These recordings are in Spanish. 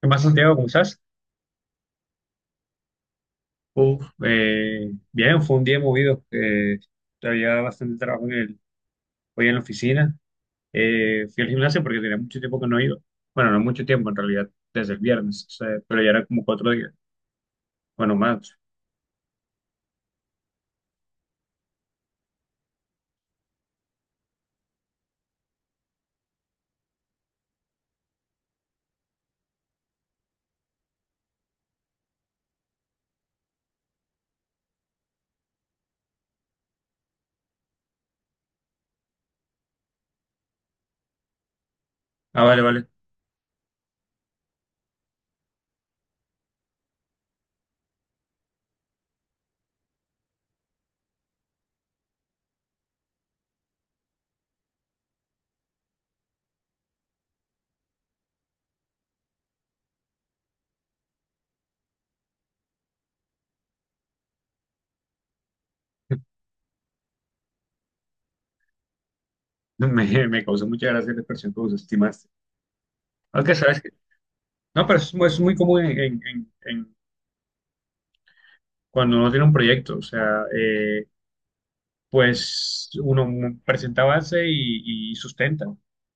¿Qué más, Santiago? ¿Cómo estás? Bien, fue un día movido, había bastante trabajo hoy en la oficina. Fui al gimnasio porque tenía mucho tiempo que no he ido. Bueno, no mucho tiempo en realidad, desde el viernes, o sea, pero ya era como cuatro días. Bueno, más. Ah, vale, vale. Me causó mucha gracia la expresión que vos estimaste. Aunque sabes que... No, pero es muy común en cuando uno tiene un proyecto. O sea, pues uno presenta avance y sustenta.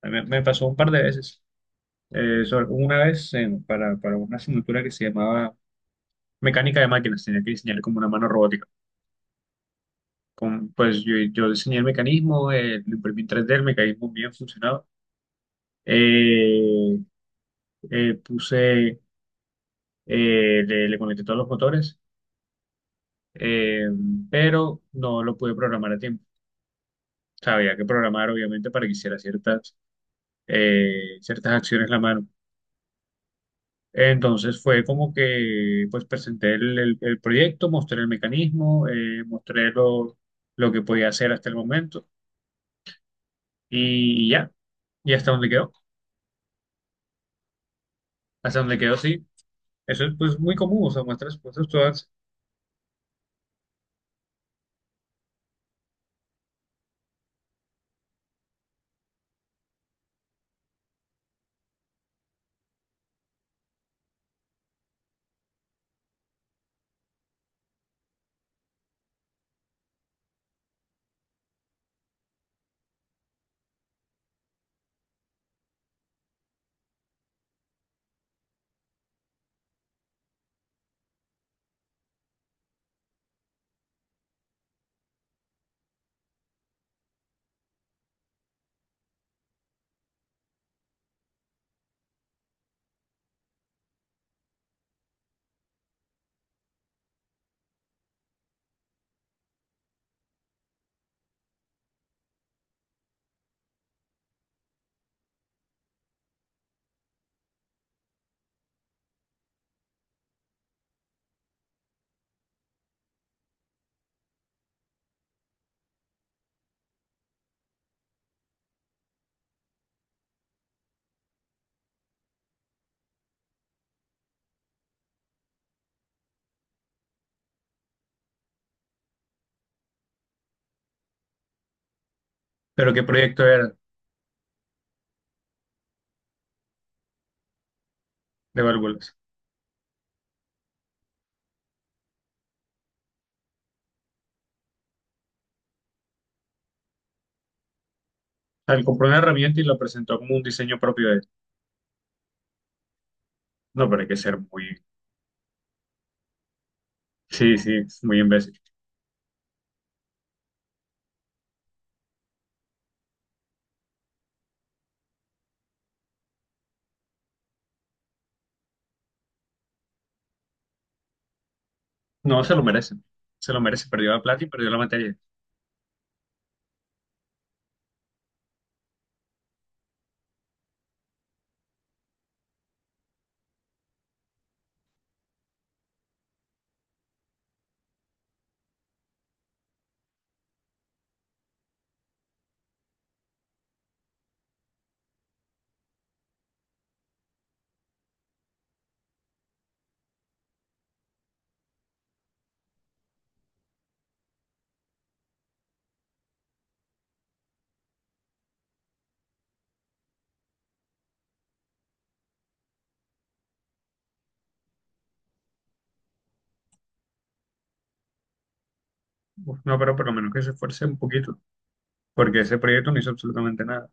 Me pasó un par de veces. Una vez para una asignatura que se llamaba mecánica de máquinas, tenía que diseñar como una mano robótica. Con, pues yo diseñé el mecanismo, lo imprimí en 3D, el mecanismo bien funcionaba. Eh, eh, puse, Le conecté todos los motores, eh, pero no lo pude programar a tiempo. O sea, había que programar obviamente para que hiciera ciertas acciones la mano. Entonces fue como que pues presenté el proyecto, mostré el mecanismo, mostré lo que podía hacer hasta el momento y ya, y hasta donde quedó sí. Eso es pues muy común, o sea, muestras cosas todas, pero ¿qué proyecto era de válvulas? Al compró una herramienta y la presentó como un diseño propio de él. No, pero hay que ser muy, sí, sí, es muy imbécil. No, se lo merecen, se lo merece, perdió la plata y perdió la materia. Uf, no, pero por lo menos que se esfuerce un poquito, porque ese proyecto no hizo absolutamente nada.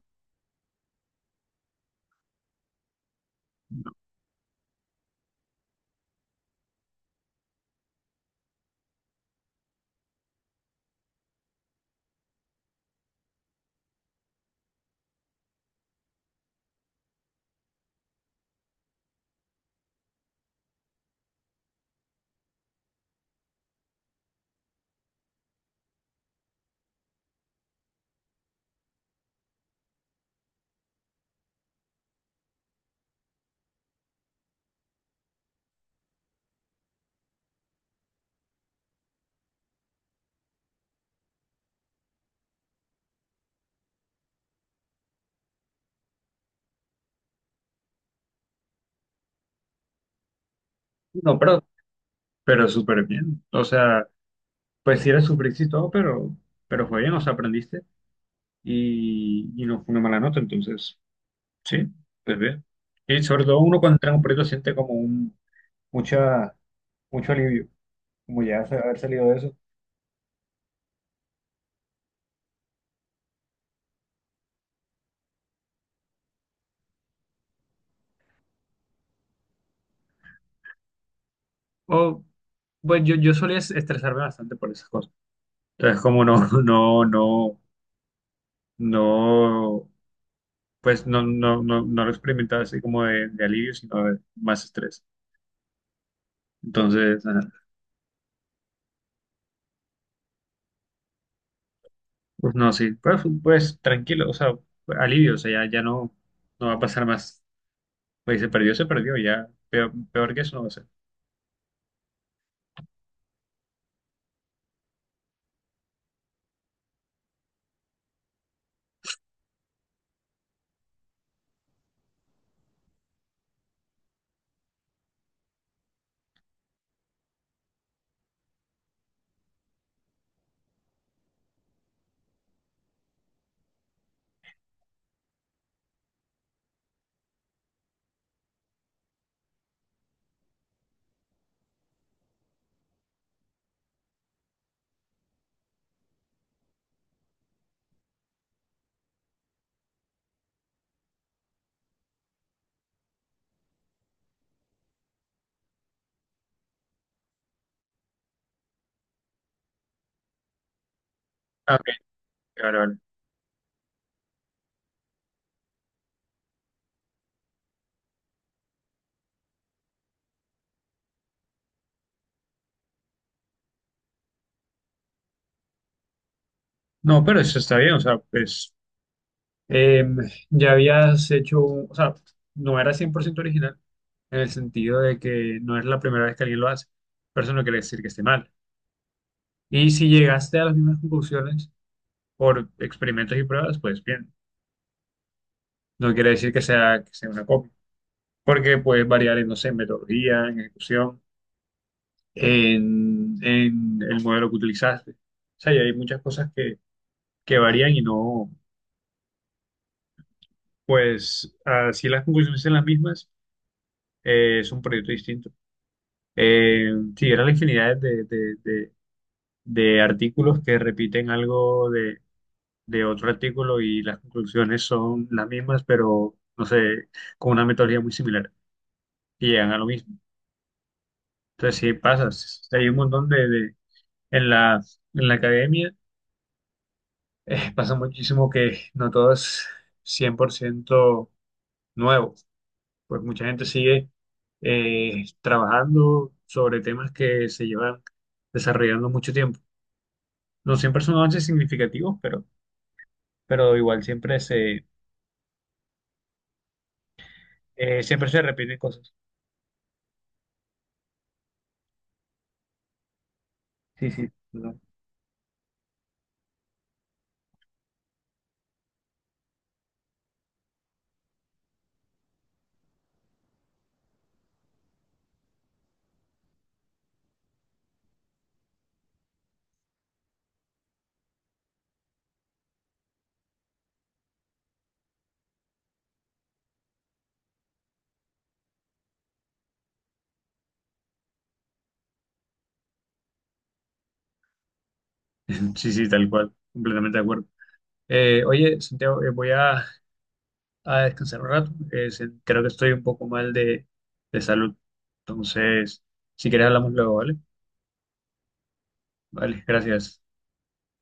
No, pero súper bien. O sea, pues sí eres sufriste y todo, pero fue bien, o sea, aprendiste y no fue una mala nota, entonces, sí, pues bien. Y sobre todo uno cuando entra en un proyecto siente como un, mucha, mucho alivio, como ya haber salido de eso. O, pues yo solía estresarme bastante por esas cosas. Entonces, como no, no, pues no lo experimentaba así como de alivio, sino de más estrés. Entonces, ajá. Pues no, sí, pues, pues tranquilo, o sea, alivio, o sea, ya no, no va a pasar más. Pues se perdió, ya, peor, peor que eso no va a ser. Ah, ok, vale, vale. No, pero eso está bien, o sea, pues eh, ya habías hecho, o sea, no era 100% original en el sentido de que no es la primera vez que alguien lo hace, pero eso no quiere decir que esté mal. Y si llegaste a las mismas conclusiones por experimentos y pruebas, pues bien, no quiere decir que sea una copia, porque puede variar en, no sé, en metodología, en ejecución, en el modelo que utilizaste. O sea, y hay muchas cosas que varían y no, pues, así las conclusiones son las mismas, es un proyecto distinto. Eh, sí, eran la infinidad de, de artículos que repiten algo de otro artículo y las conclusiones son las mismas, pero, no sé, con una metodología muy similar y llegan a lo mismo. Entonces, sí, pasa. Hay un montón en la, en la academia pasa muchísimo que no todo es 100% nuevo, pues mucha gente sigue trabajando sobre temas que se llevan desarrollando mucho tiempo. No siempre son avances significativos, pero igual siempre se repiten cosas. Sí, sí, ¿no? Sí, sí, tal cual, completamente de acuerdo. Oye, Santiago, voy a descansar un rato, creo que estoy un poco mal de salud, entonces, si quieres hablamos luego, ¿vale? Vale, gracias.